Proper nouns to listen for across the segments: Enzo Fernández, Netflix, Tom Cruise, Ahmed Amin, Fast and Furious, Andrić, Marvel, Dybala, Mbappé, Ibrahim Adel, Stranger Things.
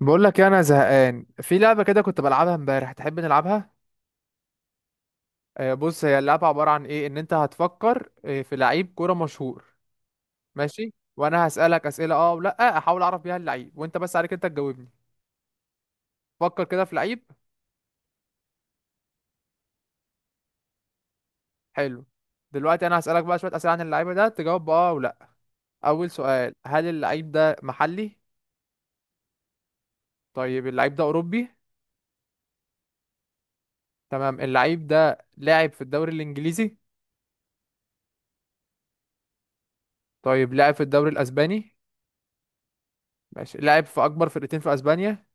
بقول لك إيه، انا زهقان في لعبه كده، كنت بلعبها امبارح. تحب نلعبها؟ بص، هي اللعبه عباره عن ايه، ان انت هتفكر في لعيب كوره مشهور. ماشي، وانا هسالك اسئله ولا احاول اعرف بيها اللعيب، وانت بس عليك انت تجاوبني. فكر كده في لعيب. حلو. دلوقتي انا هسالك بقى شويه اسئله عن اللعيبه ده، تجاوب باه ولا. اول سؤال، هل اللعيب ده محلي؟ طيب، اللعيب ده اوروبي؟ تمام. اللعيب ده لاعب في الدوري الانجليزي؟ طيب، لاعب في الدوري الاسباني؟ ماشي. لاعب في اكبر فرقتين في اسبانيا؟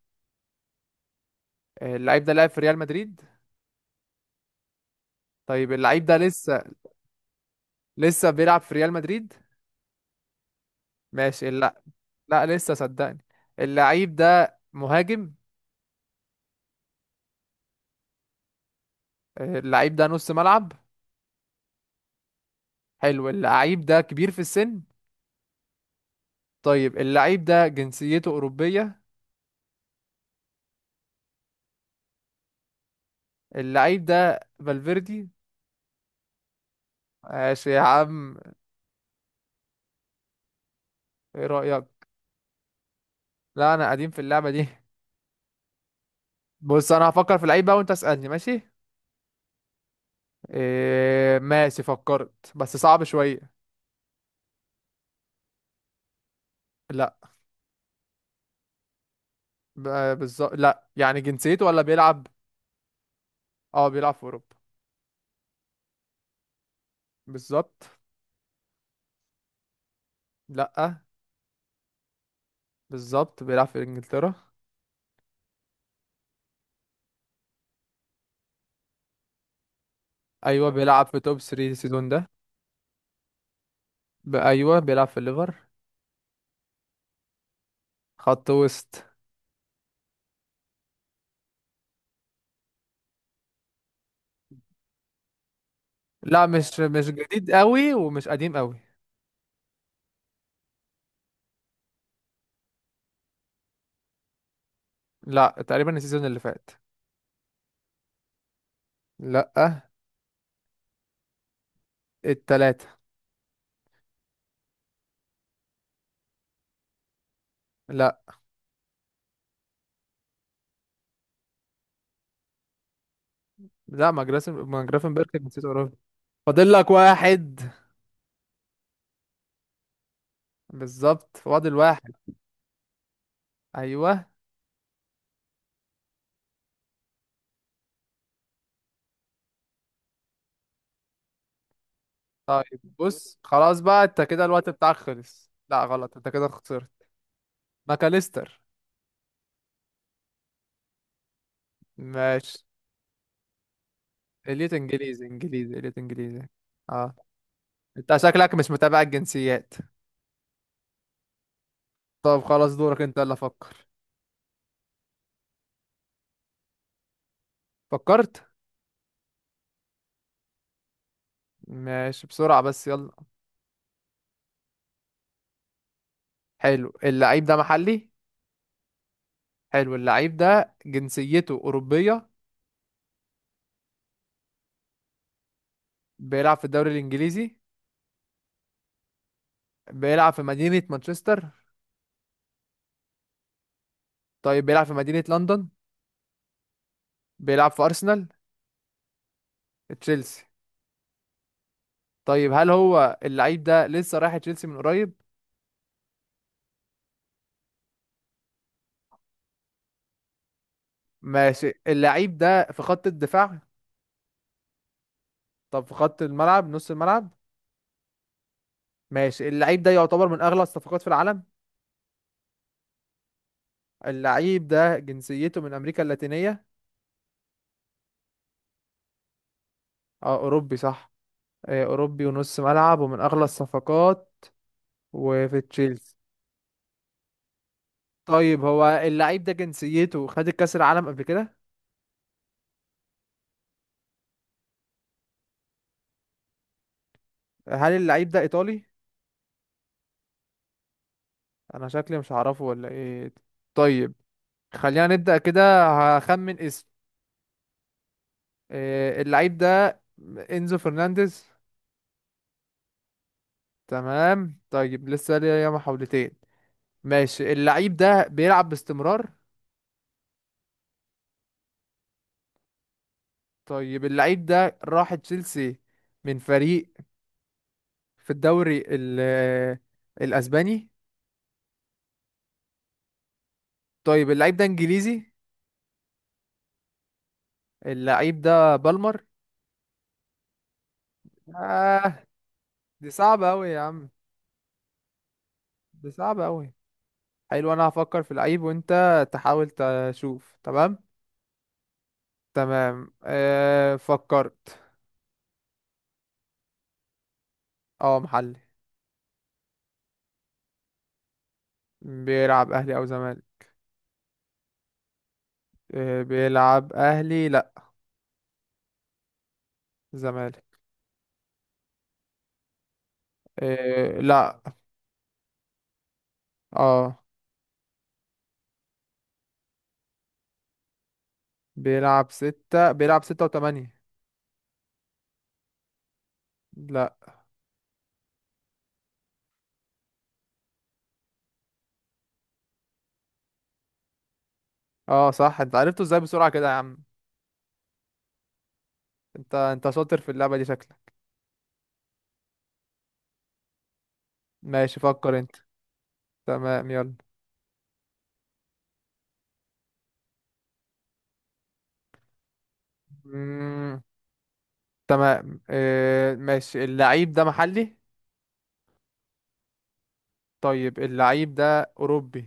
اللعيب ده لعب في ريال مدريد؟ طيب، اللعيب ده لسه؟ لسه بيلعب في ريال مدريد؟ ماشي. لا. لا، لسه صدقني. اللعيب ده مهاجم؟ اللعيب ده نص ملعب؟ حلو. اللعيب ده كبير في السن؟ طيب، اللعيب ده جنسيته أوروبية؟ اللعيب ده فالفيردي. ماشي يا عم. ايه رأيك؟ لا، انا قديم في اللعبة دي. بص، انا هفكر في اللعيب بقى وانت اسألني، ماشي؟ إيه ماشي، فكرت بس صعب شوية. لا. بالظبط، لا يعني جنسيته ولا بيلعب. اه، بيلعب في اوروبا. بالظبط. لا. بالظبط، بيلعب في انجلترا. ايوه، بيلعب في توب 3 السيزون ده. ايوه، بيلعب في الليفر. خط وسط. لا، مش جديد قوي ومش قديم قوي. لا، تقريبا السيزون اللي فات. لا. التلاتة. لا. لا، ما جراسن ما جرافنبرخ، نسيت اوروبا. فاضل لك واحد. بالظبط، فاضل واحد. ايوه. طيب بص، خلاص بقى، انت كده الوقت بتاعك خلص. لا غلط، انت كده خسرت. ماكاليستر. ماشي. إليت إنجليزي، إنجليزي إليت إنجليزي. أه. أنت شكلك مش متابع الجنسيات. طب خلاص، دورك أنت، يلا فكر. فكرت؟ ماشي، بسرعة بس، يلا. حلو. اللعيب ده محلي؟ حلو. اللعيب ده جنسيته أوروبية؟ بيلعب في الدوري الإنجليزي؟ بيلعب في مدينة مانشستر؟ طيب، بيلعب في مدينة لندن؟ بيلعب في أرسنال؟ تشيلسي؟ طيب، هل هو اللعيب ده لسه رايح تشيلسي من قريب؟ ماشي. اللعيب ده في خط الدفاع؟ طب في خط الملعب، نص الملعب؟ ماشي. اللعيب ده يعتبر من اغلى الصفقات في العالم؟ اللعيب ده جنسيته من امريكا اللاتينية؟ اه، اوروبي صح. اوروبي ونص ملعب ومن اغلى الصفقات. وفي تشيلسي. طيب، هو اللعيب ده جنسيته خد الكاس العالم قبل كده؟ هل اللعيب ده ايطالي؟ انا شكلي مش هعرفه ولا ايه؟ طيب. خلينا نبدأ كده. هخمن اسم. اللعيب ده انزو فرنانديز. تمام. طيب، لسه ليا محاولتين. ماشي. اللعيب ده بيلعب باستمرار؟ طيب، اللعيب ده راح تشيلسي من فريق في الدوري الأسباني؟ طيب، اللعيب ده إنجليزي؟ اللعيب ده بالمر؟ آه. دي صعبة أوي يا عم. دي صعبة أوي. حلو، أنا هفكر في لعيب وأنت تحاول تشوف، تمام؟ تمام. فكرت. اه، محلي. بيلعب أهلي أو زمالك. بيلعب أهلي، لأ. زمالك. آه، لأ. اه. بيلعب ستة، بيلعب ستة وتمانية. لا. اه صح، انت عرفته ازاي بسرعة كده يا عم؟ انت شاطر في اللعبة دي شكلك. ماشي، فكر انت. تمام، يلا. مم. تمام، ماشي. اللعيب ده محلي؟ طيب، اللعيب ده اوروبي؟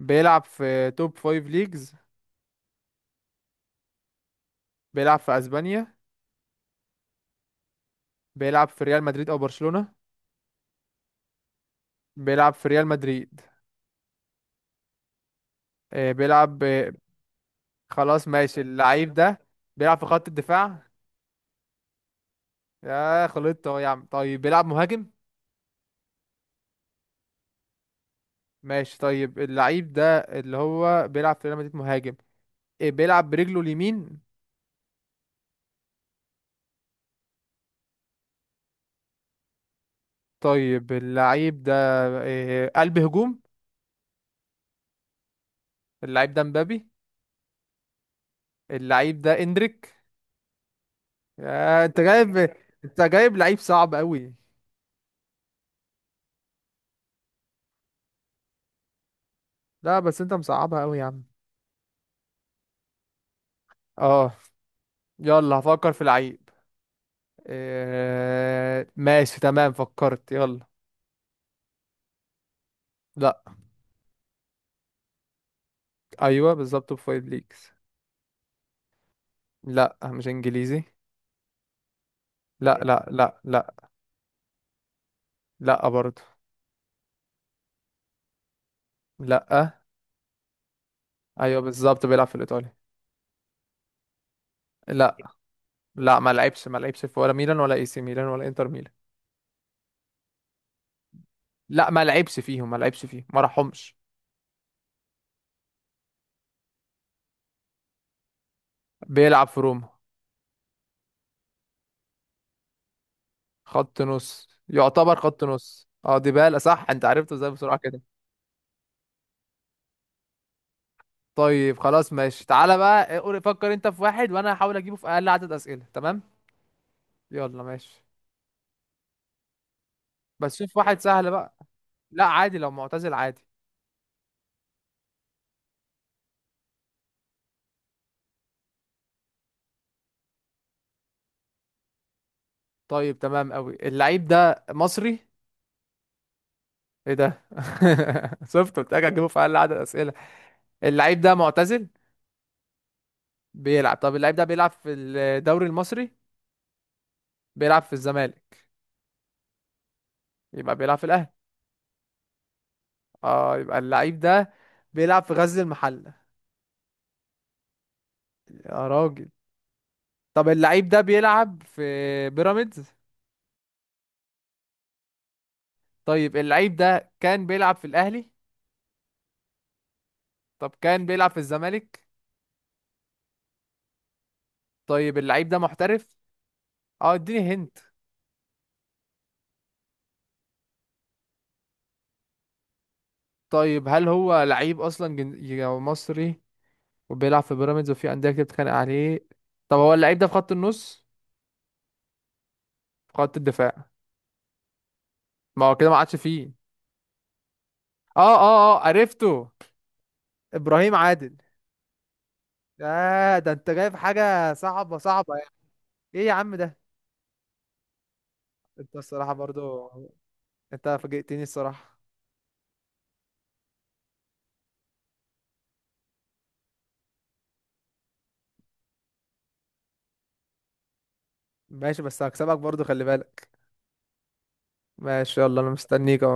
بيلعب في توب فايف ليجز؟ بيلعب في اسبانيا؟ بيلعب في ريال مدريد او برشلونة؟ بيلعب في ريال مدريد؟ اه، بيلعب اه خلاص ماشي. اللعيب ده بيلعب في خط الدفاع؟ يا خلطت اهو يا عم. طيب، بيلعب مهاجم؟ ماشي. طيب، اللعيب ده اللي هو بيلعب في ريال مدريد مهاجم. إيه، بيلعب برجله اليمين؟ طيب، اللعيب ده إيه، قلب هجوم؟ اللعيب ده مبابي؟ اللعيب ده اندريك؟ آه، انت جايب. انت جايب لعيب صعب قوي. لا بس انت مصعبها قوي يا عم. اه. يلا، هفكر في لعيب. إيه ماشي تمام، فكرت، يلا. لا. ايوه بالظبط، فايف ليجز. لا، مش انجليزي. لا، لا، لا، لا. لا برضه. لا. ايوه بالظبط، بيلعب في الايطالي. لا. لا، ما لعبش، ما لعبش في، ولا ميلان ولا اي سي ميلان ولا انتر ميلان. لا، ما لعبش فيهم، ما لعبش فيهم، ما راحهمش. بيلعب في روما؟ خط نص، يعتبر خط نص. اه، ديبالا؟ صح، انت عرفته ازاي بسرعه كده؟ طيب خلاص ماشي، تعالى بقى قول، فكر انت في واحد وانا هحاول اجيبه في اقل عدد اسئله، تمام؟ يلا ماشي. بس شوف واحد سهل بقى. لا عادي، لو معتزل عادي. طيب، تمام قوي. اللعيب ده مصري؟ ايه ده؟ شفت؟ قلت لك هجيبه في اقل عدد اسئله. اللعيب ده معتزل؟ بيلعب. طب اللعيب ده بيلعب في الدوري المصري؟ بيلعب في الزمالك؟ يبقى بيلعب في الاهلي؟ اه، يبقى اللعيب ده بيلعب في غزل المحلة؟ يا راجل! طب اللعيب ده بيلعب في بيراميدز؟ طيب، اللعيب ده كان بيلعب في الاهلي؟ طب كان بيلعب في الزمالك؟ طيب، اللعيب ده محترف؟ اه، اديني هنت. طيب، هل هو لعيب اصلا مصري؟ وبيلعب في بيراميدز وفي انديه كتير بتتخانق عليه. طب هو اللعيب ده في خط النص؟ في خط الدفاع؟ ما هو كده ما عادش فيه. اه، اه، اه، عرفته! ابراهيم عادل؟ آه، ده انت جايب حاجة صعبة صعبة يعني. ايه يا عم ده. انت الصراحة برضو. انت فاجئتني الصراحة. ماشي، بس هكسبك برضو، خلي بالك. ماشي، يلا انا مستنيك اهو.